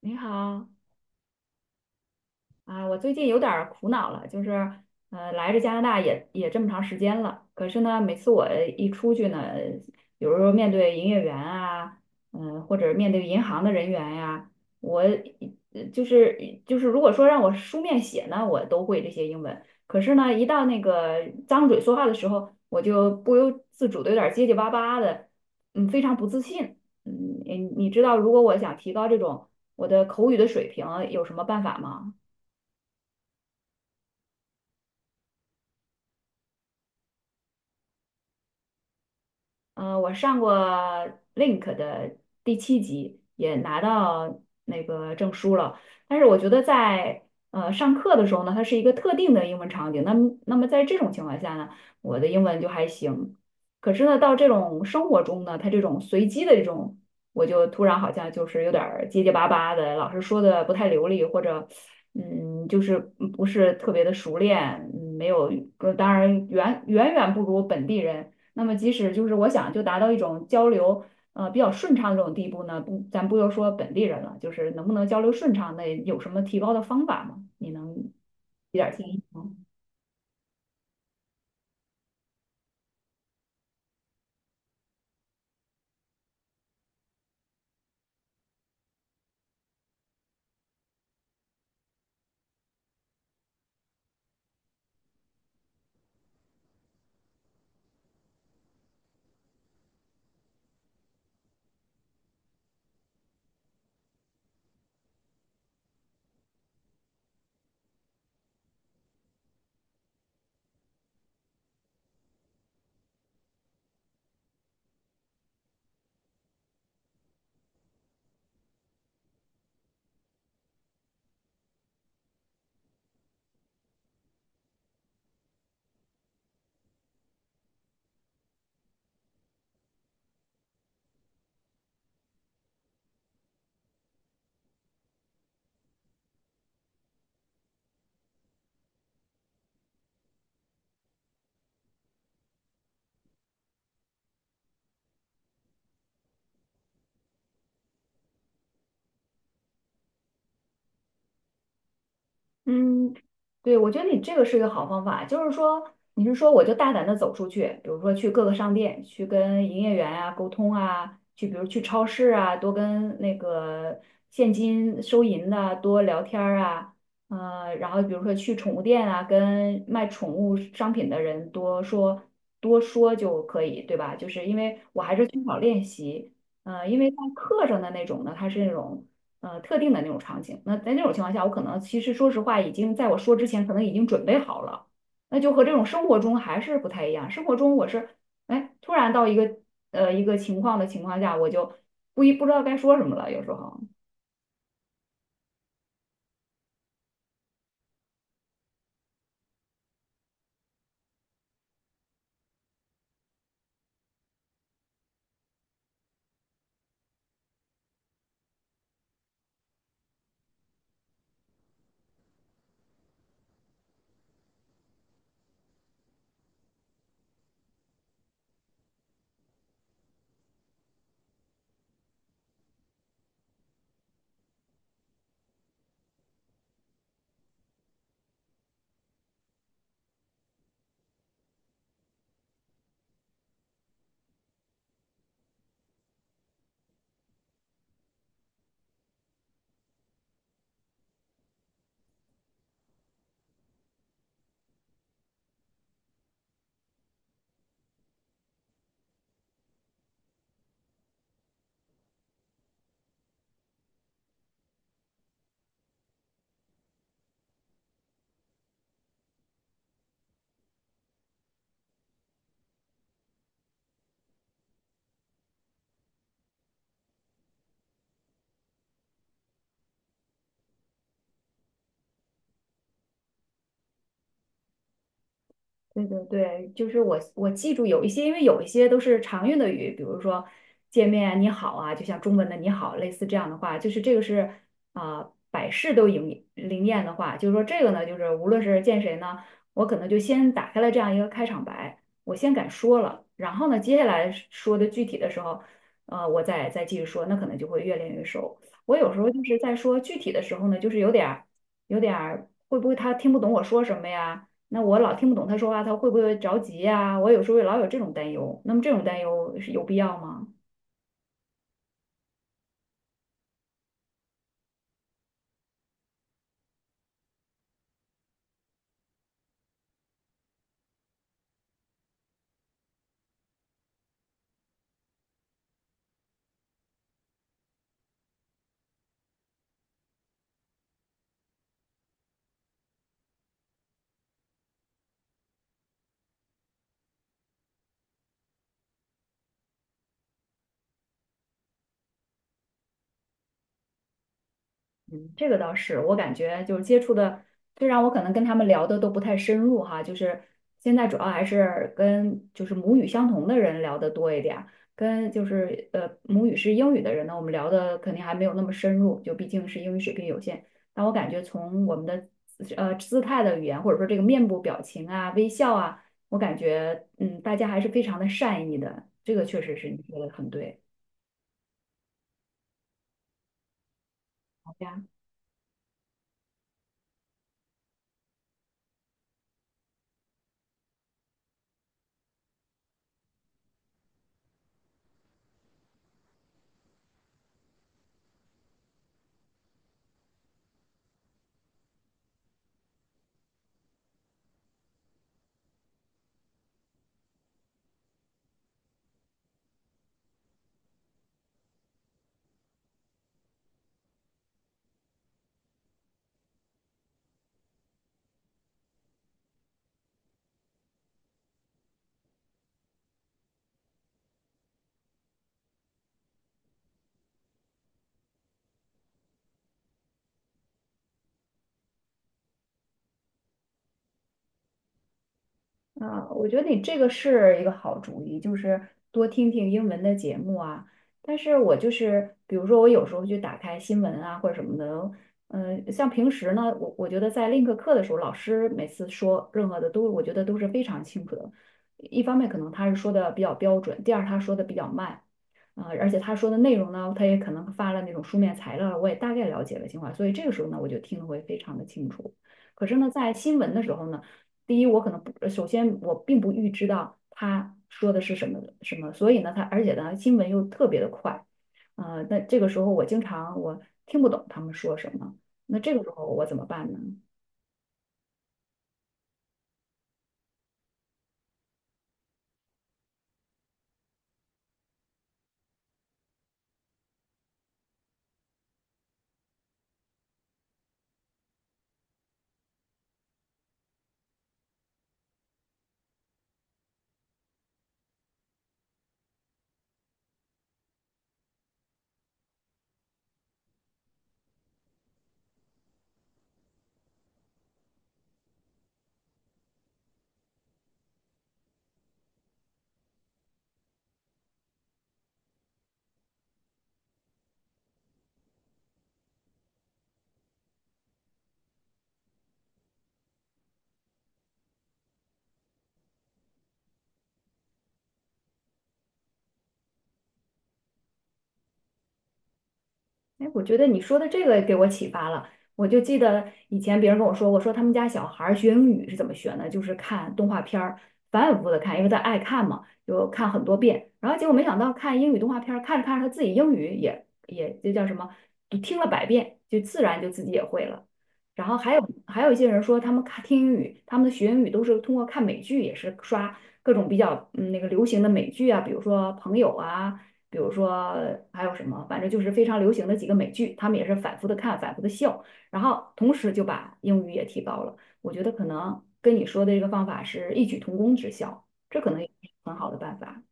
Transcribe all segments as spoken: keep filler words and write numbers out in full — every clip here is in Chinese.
你好。啊，我最近有点儿苦恼了，就是，呃，来这加拿大也也这么长时间了。可是呢，每次我一出去呢，有时候面对营业员啊，嗯、或者面对银行的人员呀、我呃就是就是，如果说让我书面写呢，我都会这些英文。可是呢，一到那个张嘴说话的时候，我就不由自主的有点儿结结巴巴的，嗯，非常不自信。嗯，你你知道，如果我想提高这种我的口语的水平，有什么办法吗？呃，我上过 Link 的第七集，也拿到那个证书了。但是我觉得在呃上课的时候呢，它是一个特定的英文场景。那么那么在这种情况下呢，我的英文就还行。可是呢，到这种生活中呢，它这种随机的这种，我就突然好像就是有点儿结结巴巴的，老师说的不太流利，或者嗯，就是不是特别的熟练，嗯没有，呃当然远远远不如本地人。那么即使就是我想就达到一种交流呃比较顺畅这种地步呢，不，咱不要说本地人了，就是能不能交流顺畅，那有什么提高的方法吗？你能给点儿建议吗？嗯，对，我觉得你这个是一个好方法。就是说，你是说我就大胆的走出去，比如说去各个商店，去跟营业员啊沟通啊，去比如去超市啊，多跟那个现金收银的啊多聊天儿啊，呃，然后比如说去宠物店啊，跟卖宠物商品的人多说多说就可以，对吧？就是因为我还是缺少练习。呃，因为在课上的那种呢，它是那种。呃特定的那种场景。那在那种情况下，我可能其实说实话，已经在我说之前，可能已经准备好了。那就和这种生活中还是不太一样。生活中我是，哎，突然到一个呃一个情况的情况下，我就不一不知道该说什么了，有时候。对对对，就是我我记住有一些，因为有一些都是常用的语，比如说见面你好啊，就像中文的你好，类似这样的话，就是这个是啊、百试都灵灵验的话，就是说这个呢，就是无论是见谁呢，我可能就先打开了这样一个开场白，我先敢说了，然后呢，接下来说的具体的时候，呃，我再再继续说，那可能就会越练越熟。我有时候就是在说具体的时候呢，就是有点儿有点儿会不会他听不懂我说什么呀？那我老听不懂他说话，他会不会着急呀？我有时候也老有这种担忧。那么这种担忧是有必要吗？嗯，这个倒是。我感觉就是接触的，虽然我可能跟他们聊的都不太深入哈，就是现在主要还是跟就是母语相同的人聊的多一点儿，跟就是呃母语是英语的人呢，我们聊的肯定还没有那么深入，就毕竟是英语水平有限。但我感觉从我们的呃姿态的语言，或者说这个面部表情啊、微笑啊，我感觉嗯大家还是非常的善意的，这个确实是你说的很对。好呀。啊，我觉得你这个是一个好主意，就是多听听英文的节目啊。但是我就是，比如说我有时候去打开新闻啊或者什么的，嗯、像平时呢，我我觉得在 link 课的时候，老师每次说任何的都，我觉得都是非常清楚的。一方面可能他是说的比较标准，第二他说的比较慢，啊、而且他说的内容呢，他也可能发了那种书面材料，我也大概了解了情况，所以这个时候呢，我就听得会非常的清楚。可是呢，在新闻的时候呢。第一，我可能不，呃首先我并不预知到他说的是什么什么，所以呢，他而且呢，新闻又特别的快，呃，那这个时候我经常我听不懂他们说什么，那这个时候我怎么办呢？哎，我觉得你说的这个给我启发了。我就记得以前别人跟我说，我说他们家小孩儿学英语是怎么学呢？就是看动画片儿，反反复复的看，因为他爱看嘛，就看很多遍。然后结果没想到看英语动画片儿，看着看着他自己英语也也这叫什么，就听了百遍，就自然就自己也会了。然后还有还有一些人说，他们看听英语，他们的学英语都是通过看美剧，也是刷各种比较嗯那个流行的美剧啊，比如说《朋友》啊。比如说还有什么，反正就是非常流行的几个美剧，他们也是反复的看，反复的笑，然后同时就把英语也提高了。我觉得可能跟你说的这个方法是异曲同工之效，这可能也是很好的办法。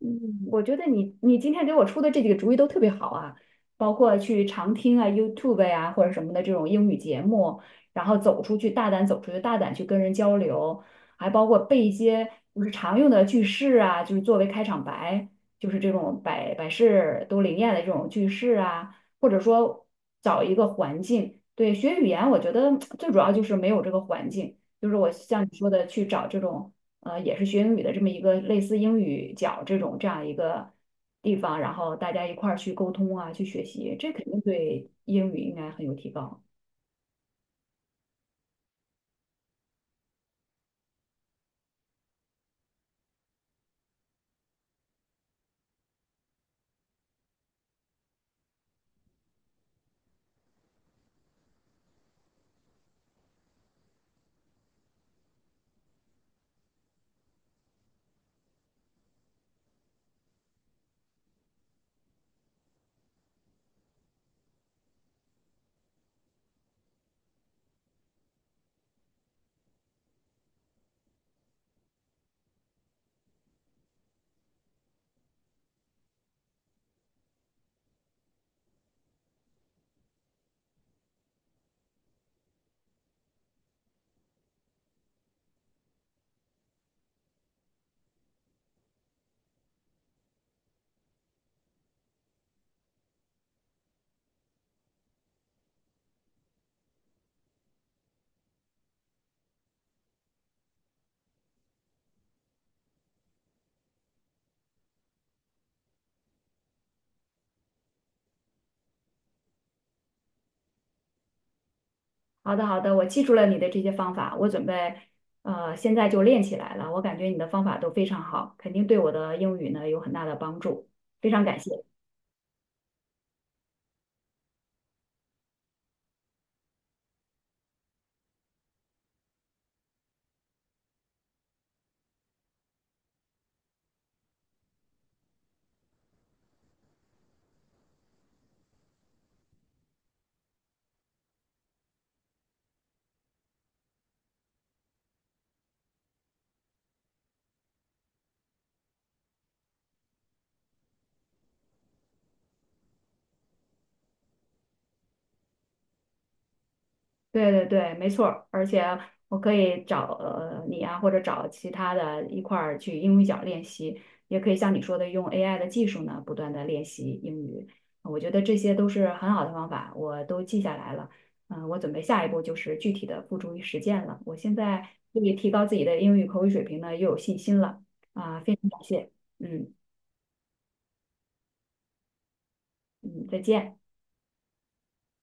嗯，我觉得你你今天给我出的这几个主意都特别好啊。包括去常听啊、YouTube 呀、或者什么的这种英语节目，然后走出去，大胆走出去，大胆去跟人交流，还包括背一些就是常用的句式啊，就是作为开场白，就是这种百百事都灵验的这种句式啊，或者说找一个环境，对，学语言我觉得最主要就是没有这个环境，就是我像你说的去找这种。呃，也是学英语的这么一个类似英语角这种这样一个地方，然后大家一块儿去沟通啊，去学习，这肯定对英语应该很有提高。好的，好的，我记住了你的这些方法。我准备呃现在就练起来了。我感觉你的方法都非常好，肯定对我的英语呢有很大的帮助，非常感谢。对对对，没错儿。而且我可以找呃你啊，或者找其他的一块儿去英语角练习，也可以像你说的用 A I 的技术呢，不断的练习英语。我觉得这些都是很好的方法，我都记下来了。嗯、我准备下一步就是具体的付诸于实践了。我现在对于提高自己的英语口语水平呢，又有信心了啊、非常感谢。嗯嗯，再见。